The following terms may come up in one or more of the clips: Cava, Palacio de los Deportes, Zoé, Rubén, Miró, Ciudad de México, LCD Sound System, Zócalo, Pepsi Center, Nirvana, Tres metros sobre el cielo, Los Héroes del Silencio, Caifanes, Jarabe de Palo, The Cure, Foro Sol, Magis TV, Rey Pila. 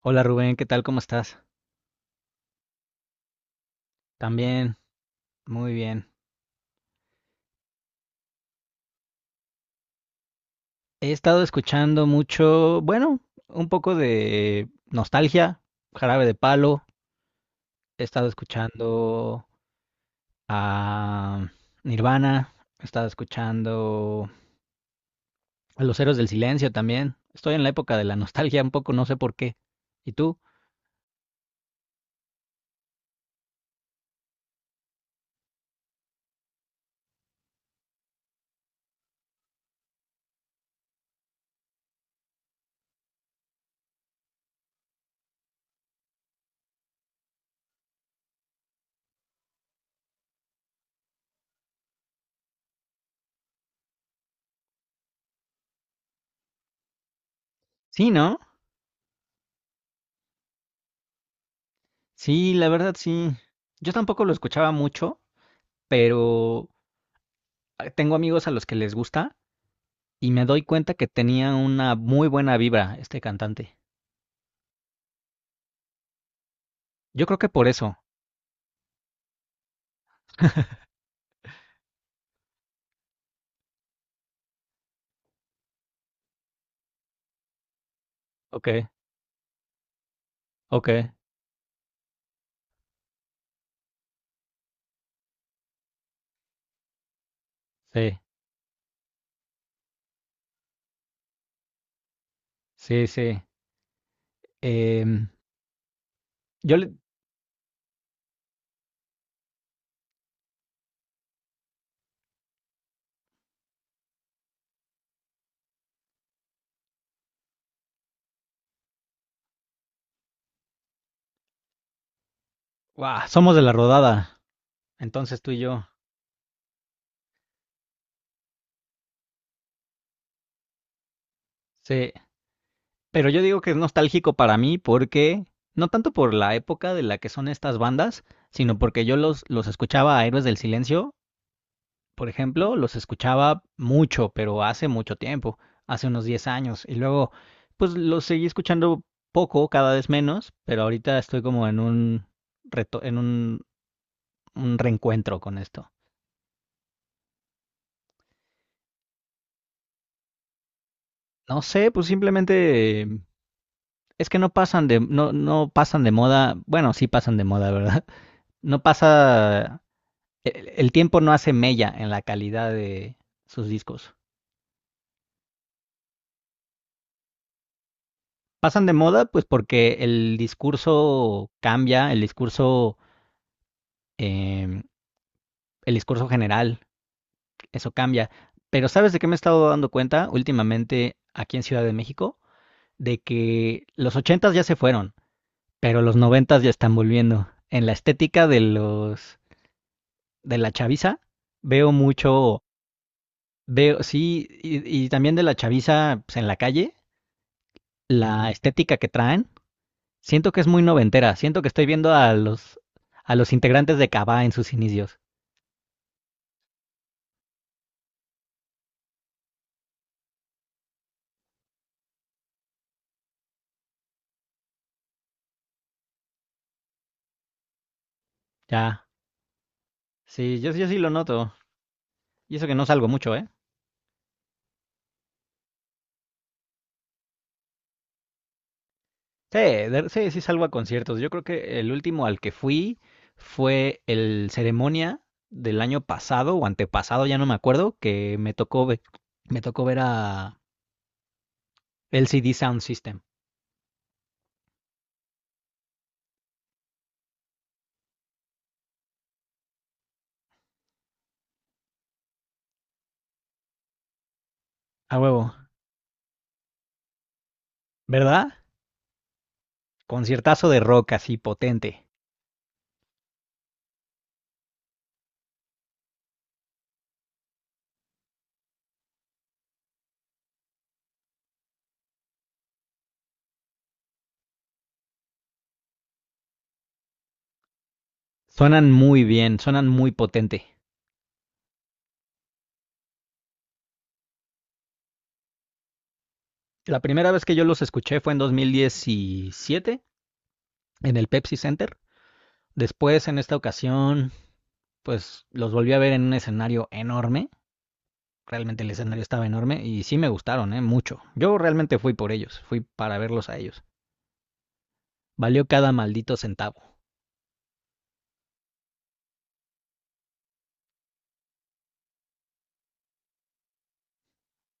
Hola Rubén, ¿qué tal? ¿Cómo estás? También, muy bien. He estado escuchando mucho, bueno, un poco de nostalgia, Jarabe de Palo, he estado escuchando a Nirvana, he estado escuchando a Los Héroes del Silencio también. Estoy en la época de la nostalgia un poco, no sé por qué. ¿Y tú? Sí, ¿no? Sí, la verdad sí. Yo tampoco lo escuchaba mucho, pero tengo amigos a los que les gusta. Y me doy cuenta que tenía una muy buena vibra este cantante. Yo creo que por eso. Okay, okay, sí, sí, sí. Em, yo le... ¡Guau! Somos de la rodada, entonces tú y yo. Sí, pero yo digo que es nostálgico para mí porque, no tanto por la época de la que son estas bandas, sino porque yo los escuchaba a Héroes del Silencio por ejemplo, los escuchaba mucho, pero hace mucho tiempo, hace unos 10 años. Y luego, pues los seguí escuchando poco, cada vez menos, pero ahorita estoy como en un reto, en un reencuentro con esto. No sé, pues simplemente es que no pasan de moda. Bueno, sí pasan de moda, ¿verdad? No pasa, el tiempo no hace mella en la calidad de sus discos. Pasan de moda, pues porque el discurso cambia, el discurso em, el discurso general, eso cambia. Pero ¿sabes de qué me he estado dando cuenta últimamente aquí en Ciudad de México? De que los ochentas ya se fueron, pero los noventas ya están volviendo. En la estética de los de la chaviza veo mucho, veo sí y también de la chaviza pues, en la calle, la estética que traen. Siento que es muy noventera. Siento que estoy viendo a los integrantes de Cava en sus inicios. Ya, sí, yo sí lo noto. Y eso que no salgo mucho, ¿eh? Sí, sí, sí salgo a conciertos. Yo creo que el último al que fui fue el ceremonia del año pasado o antepasado, ya no me acuerdo, que me tocó ver a LCD Sound System. A huevo, ¿verdad? Conciertazo de rock así potente. Suenan muy bien, suenan muy potente. La primera vez que yo los escuché fue en 2017 en el Pepsi Center. Después, en esta ocasión, pues los volví a ver en un escenario enorme realmente el escenario estaba enorme y sí me gustaron, ¿eh? Mucho. Yo realmente fui por ellos, fui para verlos a ellos. Valió cada maldito centavo.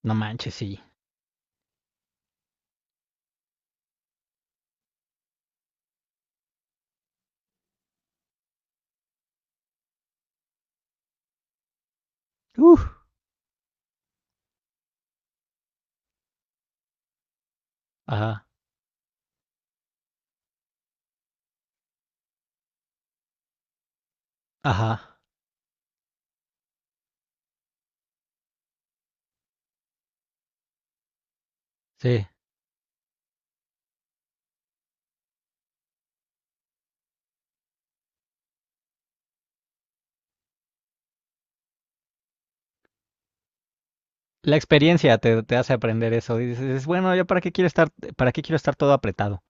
No manches, sí. Uf. Ajá, ajá, sí. La experiencia te hace aprender eso. Dices, bueno, ¿yo para qué quiero estar, para qué quiero estar todo apretado?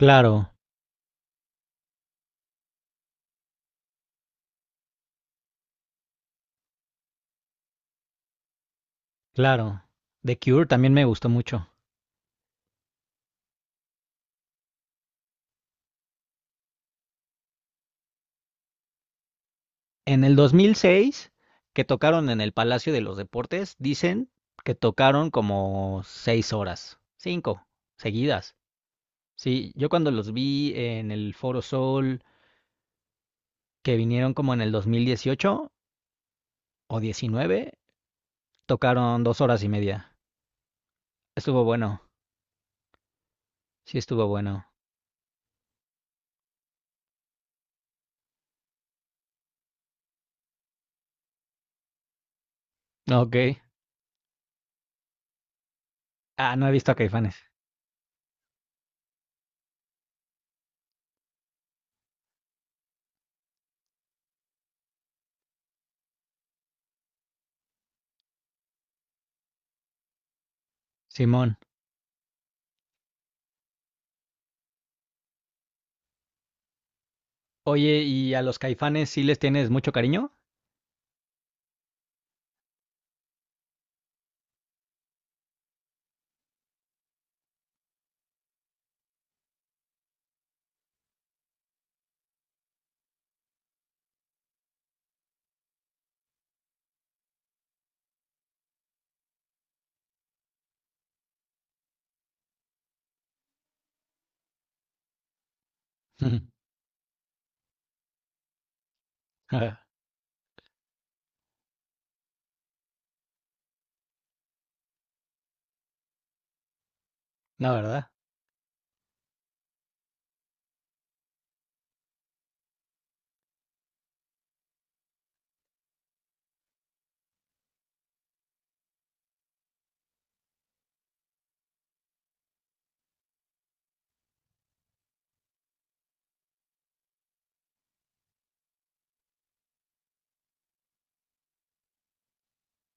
Claro, claro. The Cure también me gustó mucho. En el 2006, que tocaron en el Palacio de los Deportes, dicen que tocaron como 6 horas, cinco, seguidas. Sí, yo cuando los vi en el Foro Sol, que vinieron como en el 2018 o 19, tocaron 2 horas y media. Estuvo bueno, sí estuvo bueno. Ok. Ah, no he visto a Caifanes. Simón. Oye, ¿y a los Caifanes sí les tienes mucho cariño? No, ¿verdad?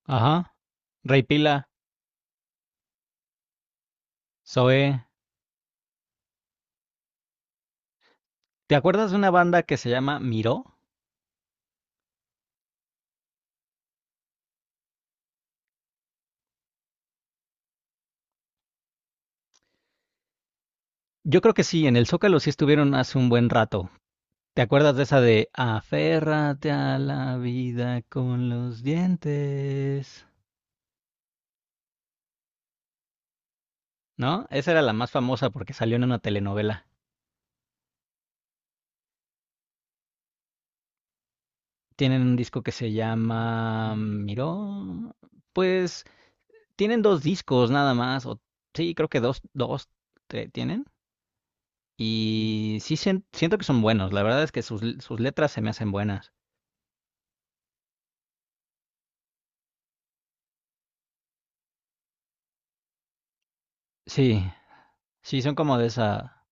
Ajá. Rey Pila, Zoé. ¿Te acuerdas de una banda que se llama Miró? Yo creo que sí, en el Zócalo sí estuvieron hace un buen rato. ¿Te acuerdas de esa de aférrate a la vida con los dientes? ¿No? Esa era la más famosa porque salió en una telenovela. Tienen un disco que se llama Miró. Pues tienen dos discos nada más. O, sí, creo que dos tienen. Y sí siento que son buenos. La verdad es que sus letras se me hacen buenas. Sí, sí, son como de esa...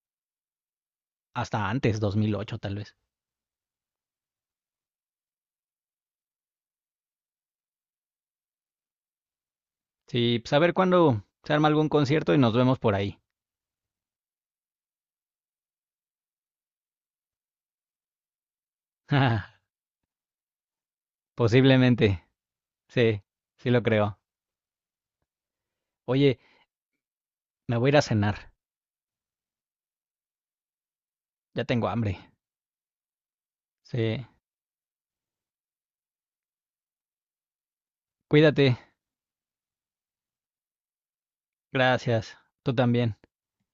Hasta antes, 2008 tal vez. Sí, pues a ver cuándo se arma algún concierto y nos vemos por ahí. Posiblemente. Sí, sí lo creo. Oye, me voy a ir a cenar. Ya tengo hambre. Sí. Cuídate. Gracias. Tú también.